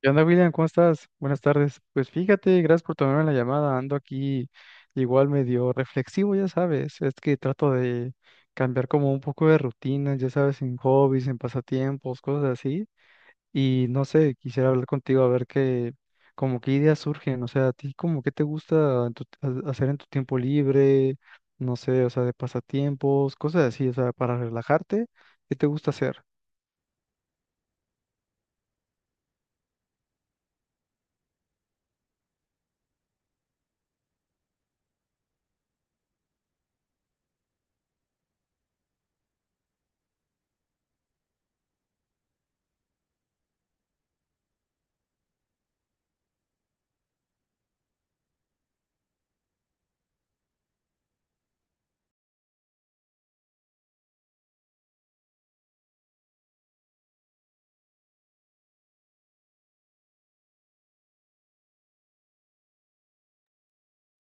¿Qué onda, William? ¿Cómo estás? Buenas tardes. Pues fíjate, gracias por tomarme la llamada. Ando aquí igual medio reflexivo, ya sabes. Es que trato de cambiar como un poco de rutina, ya sabes, en hobbies, en pasatiempos, cosas así. Y no sé, quisiera hablar contigo a ver qué, como qué ideas surgen. O sea, a ti como qué te gusta en hacer en tu tiempo libre, no sé, o sea, de pasatiempos, cosas así, o sea, para relajarte, ¿qué te gusta hacer?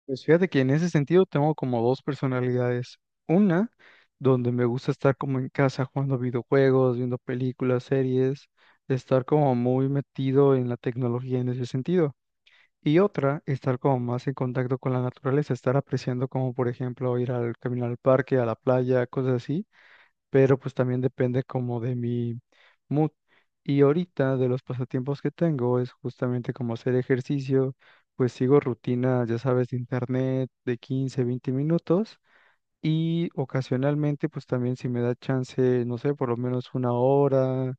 Pues fíjate que en ese sentido tengo como dos personalidades. Una, donde me gusta estar como en casa jugando videojuegos, viendo películas, series, estar como muy metido en la tecnología en ese sentido. Y otra, estar como más en contacto con la naturaleza, estar apreciando como por ejemplo ir al caminar al parque, a la playa, cosas así, pero pues también depende como de mi mood. Y ahorita de los pasatiempos que tengo es justamente como hacer ejercicio, pues sigo rutinas, ya sabes, de internet de 15 20 minutos y ocasionalmente pues también si me da chance, no sé, por lo menos una hora,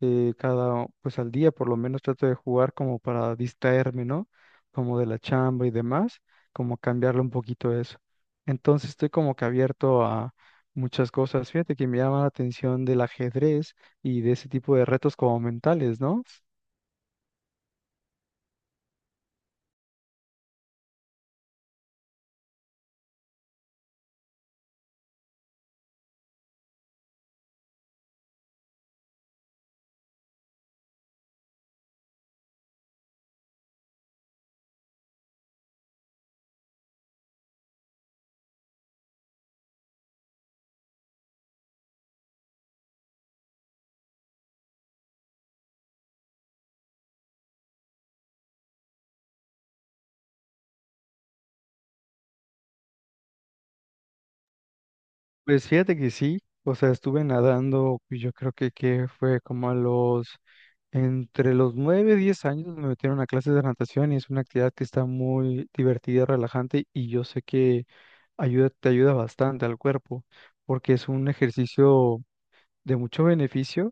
pues al día por lo menos trato de jugar como para distraerme, ¿no? Como de la chamba y demás, como cambiarle un poquito eso. Entonces estoy como que abierto a muchas cosas. Fíjate que me llama la atención del ajedrez y de ese tipo de retos como mentales, ¿no? Pues fíjate que sí, o sea, estuve nadando, y yo creo que fue como a los, entre los 9 y 10 años me metieron a clases de natación y es una actividad que está muy divertida, relajante y yo sé que ayuda, te ayuda bastante al cuerpo porque es un ejercicio de mucho beneficio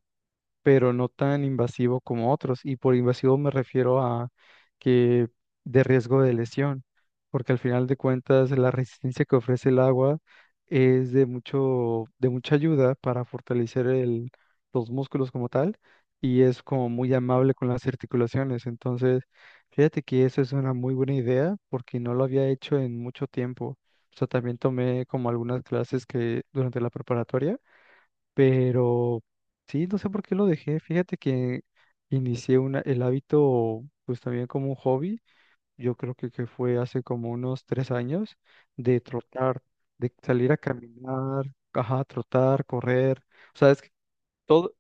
pero no tan invasivo como otros. Y por invasivo me refiero a que de riesgo de lesión, porque al final de cuentas la resistencia que ofrece el agua es de mucho, de mucha ayuda para fortalecer el, los músculos como tal y es como muy amable con las articulaciones. Entonces, fíjate que eso es una muy buena idea porque no lo había hecho en mucho tiempo. O sea, también tomé como algunas clases que durante la preparatoria, pero sí, no sé por qué lo dejé. Fíjate que inicié el hábito, pues también como un hobby. Yo creo que fue hace como unos 3 años de trotar, de salir a caminar, ajá, trotar, correr. O sea, es que todo,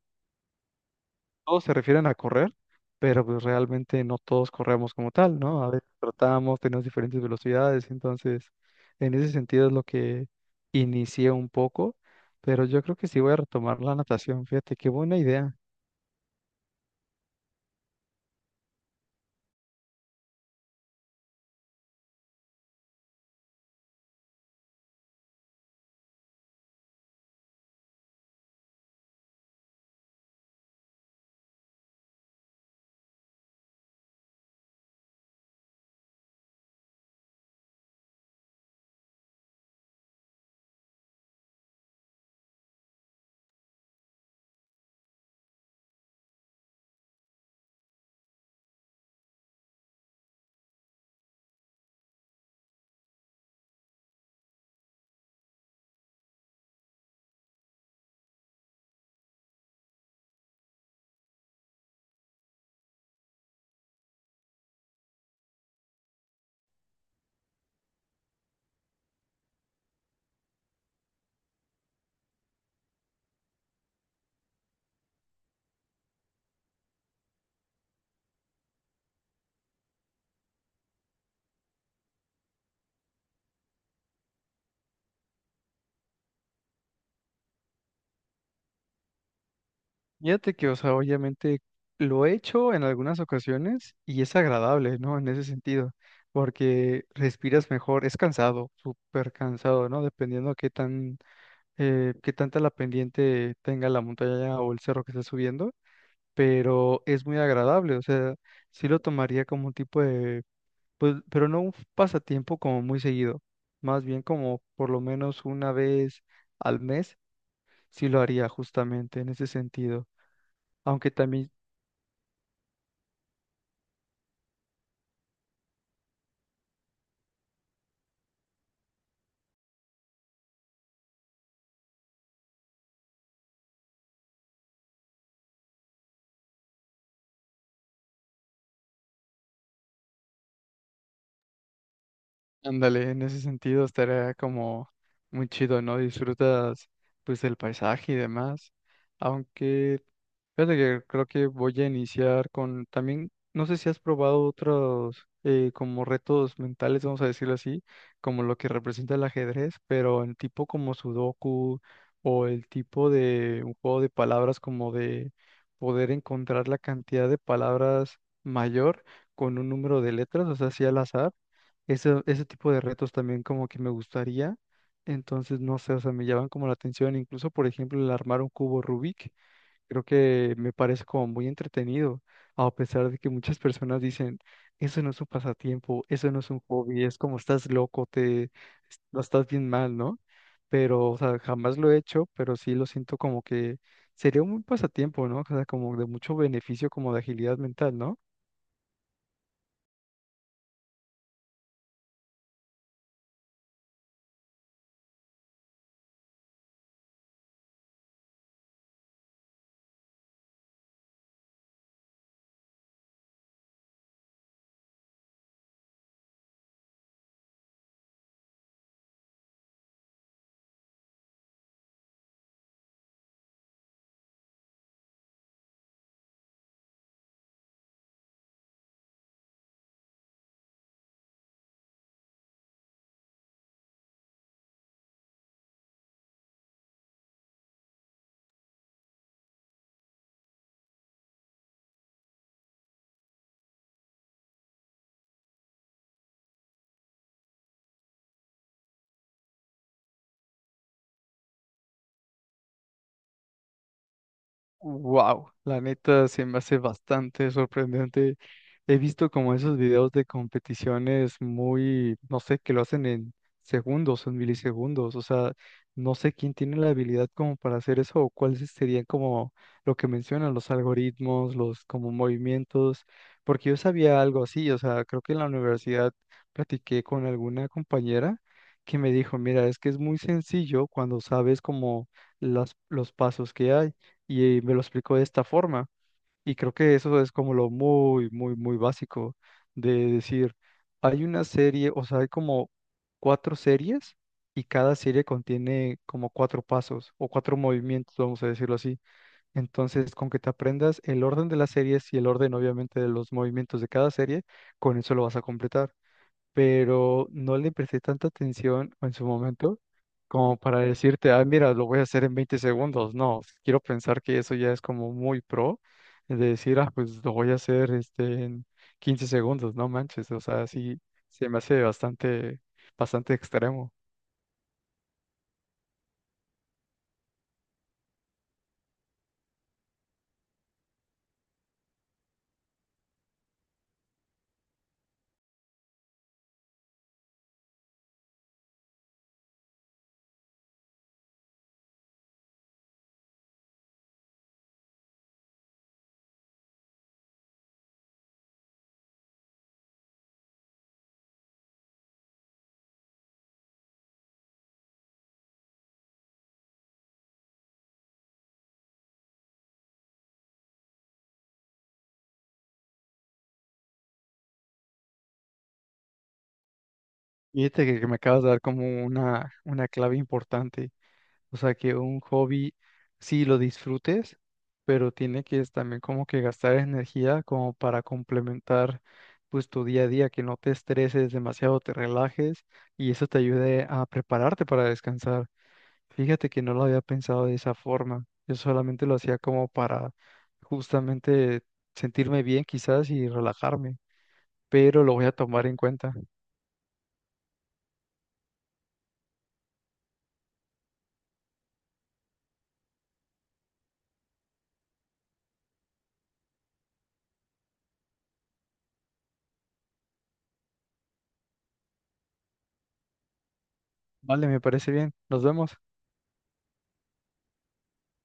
todos se refieren a correr, pero pues realmente no todos corremos como tal, ¿no? A veces tratamos, tenemos diferentes velocidades, entonces en ese sentido es lo que inicié un poco, pero yo creo que sí voy a retomar la natación, fíjate, qué buena idea. Fíjate que, o sea, obviamente lo he hecho en algunas ocasiones y es agradable, ¿no? En ese sentido, porque respiras mejor, es cansado, súper cansado, ¿no? Dependiendo qué tan, qué tanta la pendiente tenga la montaña o el cerro que estés subiendo, pero es muy agradable, o sea, sí lo tomaría como un tipo de, pues, pero no un pasatiempo como muy seguido, más bien como por lo menos una vez al mes, sí lo haría justamente en ese sentido, aunque también. Ándale, en ese sentido estaría como muy chido, ¿no? Disfrutas pues del paisaje y demás. Aunque, fíjate que creo que voy a iniciar con también, no sé si has probado otros como retos mentales, vamos a decirlo así, como lo que representa el ajedrez, pero en tipo como Sudoku o el tipo de un juego de palabras como de poder encontrar la cantidad de palabras mayor con un número de letras, o sea, así al azar ese tipo de retos también como que me gustaría. Entonces, no sé, o sea, me llaman como la atención. Incluso, por ejemplo, el armar un cubo Rubik, creo que me parece como muy entretenido, a pesar de que muchas personas dicen, eso no es un pasatiempo, eso no es un hobby, es como estás loco, te, lo estás bien mal, ¿no? Pero, o sea, jamás lo he hecho, pero sí lo siento como que sería un buen pasatiempo, ¿no? O sea, como de mucho beneficio, como de agilidad mental, ¿no? Wow, la neta se me hace bastante sorprendente. He visto como esos videos de competiciones muy, no sé, que lo hacen en segundos, en milisegundos. O sea, no sé quién tiene la habilidad como para hacer eso o cuáles serían como lo que mencionan, los algoritmos, los como movimientos, porque yo sabía algo así. O sea, creo que en la universidad platiqué con alguna compañera que me dijo, mira, es que es muy sencillo cuando sabes como las, los pasos que hay y me lo explicó de esta forma. Y creo que eso es como lo muy, muy, muy básico de decir, hay una serie, o sea, hay como cuatro series y cada serie contiene como cuatro pasos o cuatro movimientos, vamos a decirlo así. Entonces, con que te aprendas el orden de las series y el orden, obviamente, de los movimientos de cada serie, con eso lo vas a completar, pero no le presté tanta atención en su momento como para decirte, ah, mira, lo voy a hacer en 20 segundos. No, quiero pensar que eso ya es como muy pro, de decir, ah, pues lo voy a hacer este, en 15 segundos, no manches, o sea, sí, se me hace bastante, bastante extremo. Fíjate que me acabas de dar como una clave importante. O sea, que un hobby sí lo disfrutes, pero tiene que es también como que gastar energía como para complementar pues tu día a día, que no te estreses demasiado, te relajes y eso te ayude a prepararte para descansar. Fíjate que no lo había pensado de esa forma. Yo solamente lo hacía como para justamente sentirme bien quizás y relajarme, pero lo voy a tomar en cuenta. Vale, me parece bien. Nos vemos.